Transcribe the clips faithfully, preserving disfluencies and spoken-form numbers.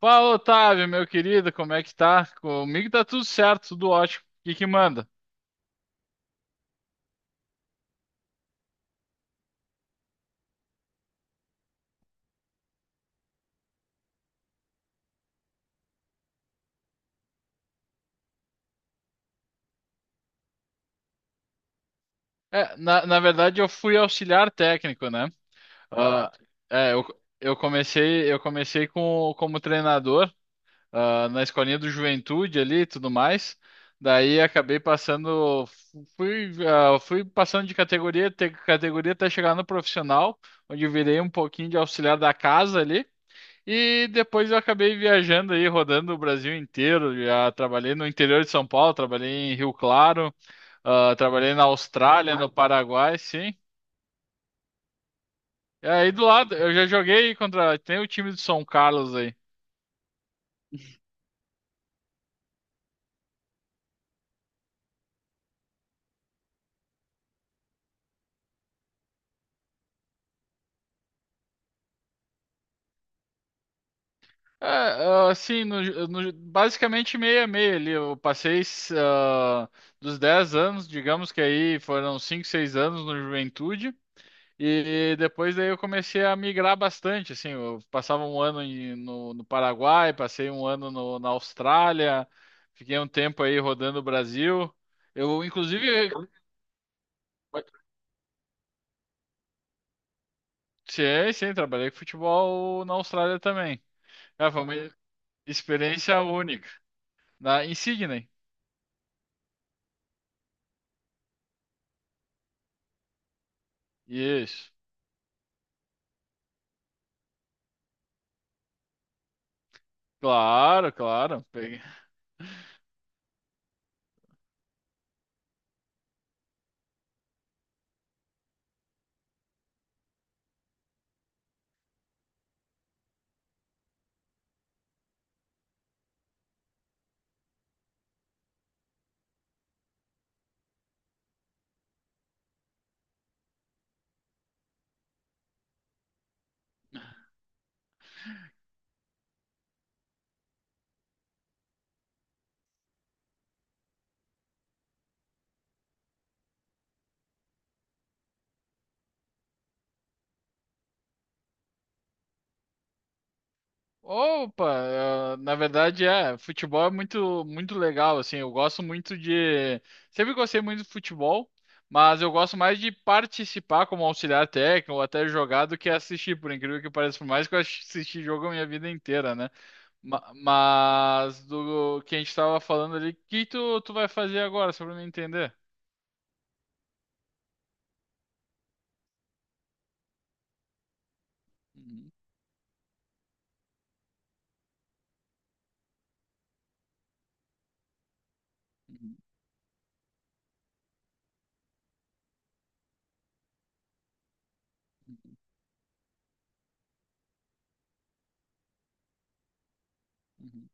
Fala, Otávio, meu querido, como é que tá? Comigo tá tudo certo, tudo ótimo. O que que manda? É, na, na verdade, eu fui auxiliar técnico, né? Ah, Ah, é, eu, eu comecei, eu comecei com, como treinador, ah, na escolinha do Juventude ali e tudo mais. Daí acabei passando, fui, ah, fui passando de categoria, te- categoria até chegar no profissional, onde eu virei um pouquinho de auxiliar da casa ali. E depois eu acabei viajando aí, rodando o Brasil inteiro. Já trabalhei no interior de São Paulo, trabalhei em Rio Claro, ah, trabalhei na Austrália, no Paraguai, sim. E aí do lado, eu já joguei contra. Tem o time de São Carlos aí. É, ah, assim, no- no- basicamente meio a meio ali. Eu passei ah, dos dez anos, digamos que aí foram cinco seis anos no Juventude. E depois daí eu comecei a migrar bastante, assim, eu passava um ano em- no, no Paraguai, passei um ano no- na Austrália, fiquei um tempo aí rodando o Brasil. Eu, inclusive, sim, sim, trabalhei com futebol na Austrália também. É, foi uma experiência única, na, em Sydney. Isso, claro, claro. Opa, eh, na verdade é, futebol é muito muito legal assim. Eu gosto muito de, sempre gostei muito de futebol, mas eu gosto mais de participar como auxiliar técnico ou até jogar do que assistir, por incrível que pareça, por mais que eu assisti jogo a minha vida inteira, né? Ma- Mas do que a gente estava falando ali, o que tu tu vai fazer agora, só para me entender? Uhum, uhum, uhum,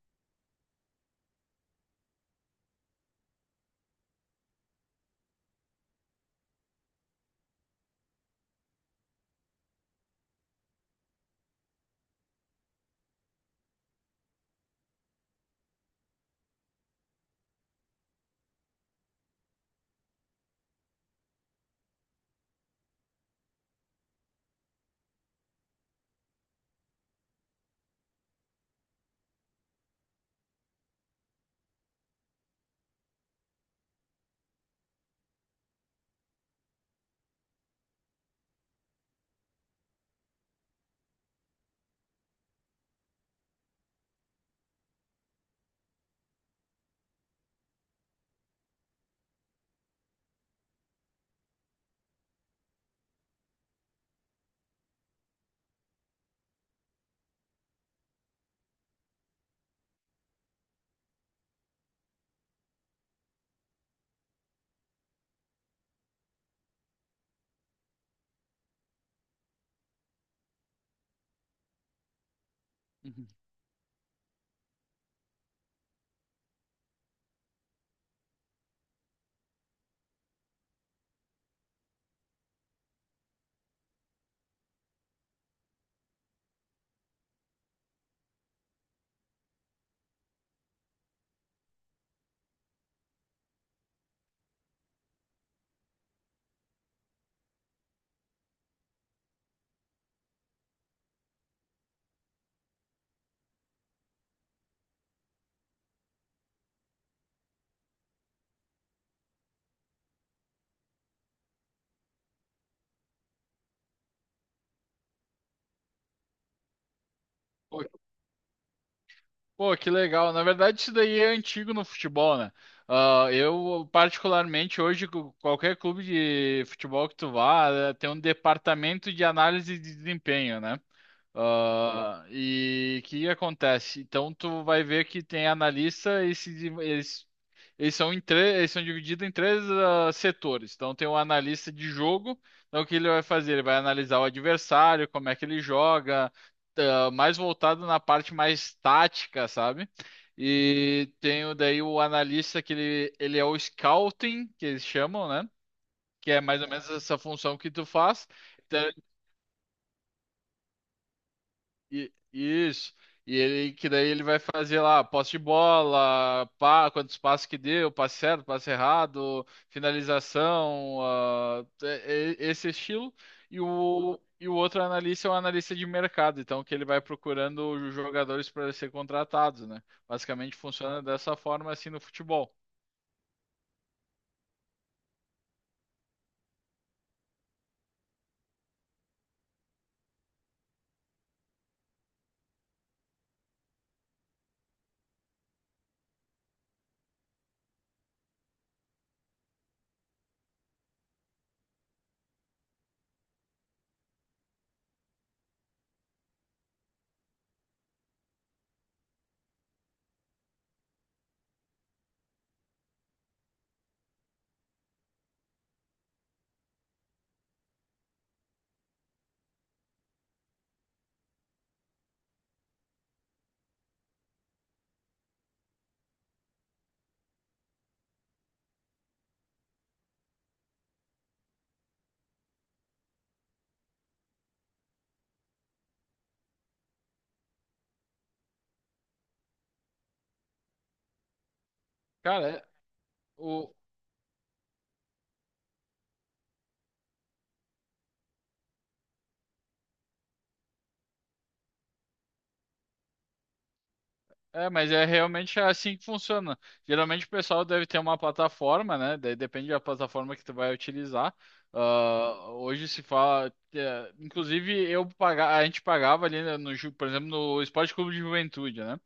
uhum, uhum. Pô, que legal. Na verdade, isso daí é antigo no futebol, né? Ah, eu, particularmente, hoje, cu- qualquer clube de futebol que tu vá, eh, tem um departamento de análise de desempenho, né? Ah, e o que acontece? Então tu vai ver que tem analista e se, div- eles, eles são em tre- eles são divididos em três ah, setores. Então tem o analista de jogo, então o que ele vai fazer? Ele vai analisar o adversário, como é que ele joga, tá, mais voltado na parte mais tática, sabe? E tem o- daí o analista que ele, ele é o scouting, que eles chamam, né? Que é mais ou menos essa função que tu faz. Então, E, isso. E ele que daí ele vai fazer lá posse de bola, pá, quantos passos que deu, passe certo, passe errado, finalização, ah, é- é- esse estilo. E o, e o outro analista é um analista de mercado, então que ele vai procurando os jogadores para ser contratados, né? Basicamente funciona dessa forma assim no futebol. Cara, é- o, É, mas é realmente assim que funciona. Geralmente o pessoal deve ter uma plataforma, né? Daí depende da plataforma que tu vai utilizar. Ah, hoje se fala, é, inclusive eu paga, a gente pagava ali né, no, Ju- por exemplo, no Esporte Clube de Juventude, né?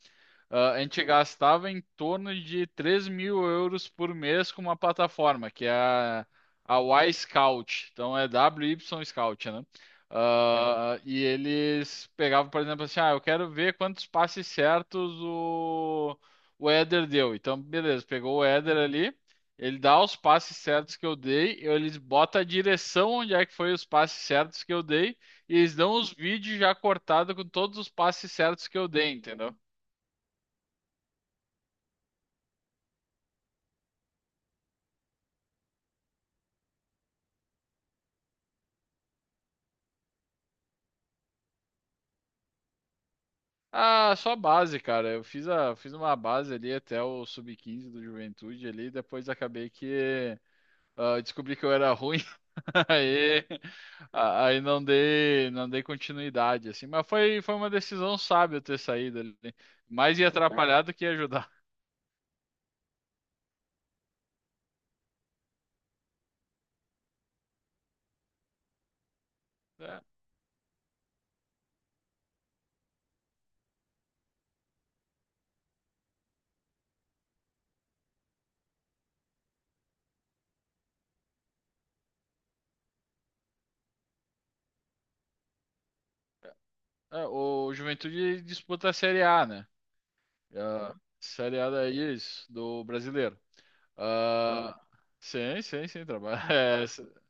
Ah, a gente gastava em torno de três mil euros por mês com uma plataforma, que é a, a Y Scout. Então é W Y Scout, né? Ah, e eles pegavam, por exemplo, assim: ah, eu quero ver quantos passes certos o, o Éder deu. Então, beleza, pegou o Éder ali, ele dá os passes certos que eu dei, eles botam a direção onde é que foi os passes certos que eu dei, e eles dão os vídeos já cortados com todos os passes certos que eu dei, entendeu? Ah, só base, cara. Eu fiz a, fiz uma base ali até o sub quinze do Juventude ali, depois acabei que ah, descobri que eu era ruim, aí, a- aí não dei, não dei continuidade, assim. Mas foi, foi uma decisão sábia eu ter saído ali. Mais ia atrapalhar do que ia ajudar. É, é, o Juventude disputa a Série A, né? A Série A daí, isso, do brasileiro. Ah, sim, sim, sim, trabalha.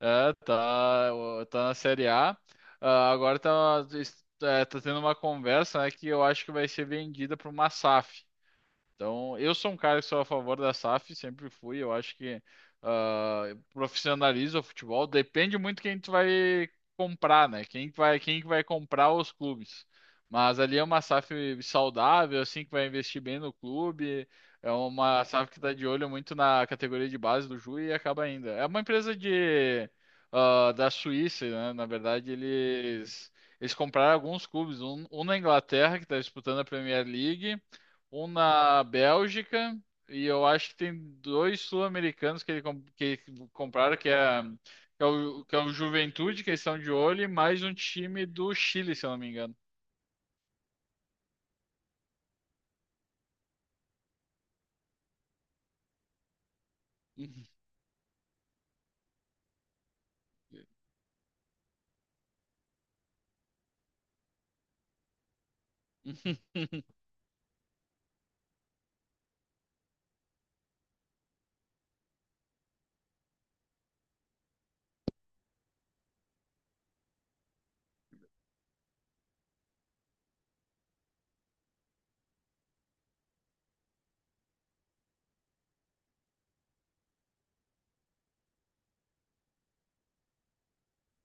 É, tá, o- tá na Série A. Ah, agora tá, es- é, tá tendo uma conversa, né, que eu acho que vai ser vendida para uma SAF. Então, eu sou um cara que sou a favor da SAF, sempre fui. Eu acho que ah, profissionaliza o futebol. Depende muito quem tu vai comprar, né? Quem que vai, quem que vai comprar os clubes. Mas ali é uma SAF saudável, assim, que vai investir bem no clube. É uma SAF que está de olho muito na categoria de base do Ju e acaba ainda. É uma empresa de, ah, da Suíça, né? Na verdade, eles, eles compraram alguns clubes. Um, um na Inglaterra, que está disputando a Premier League. Um na Bélgica e eu acho que tem dois sul-americanos que ele com- que compraram que é que é o, que é o Juventude, que eles estão de olho, e mais um time do Chile, se eu não me engano.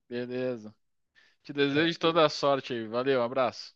Beleza. Te desejo toda a sorte aí. Valeu, abraço.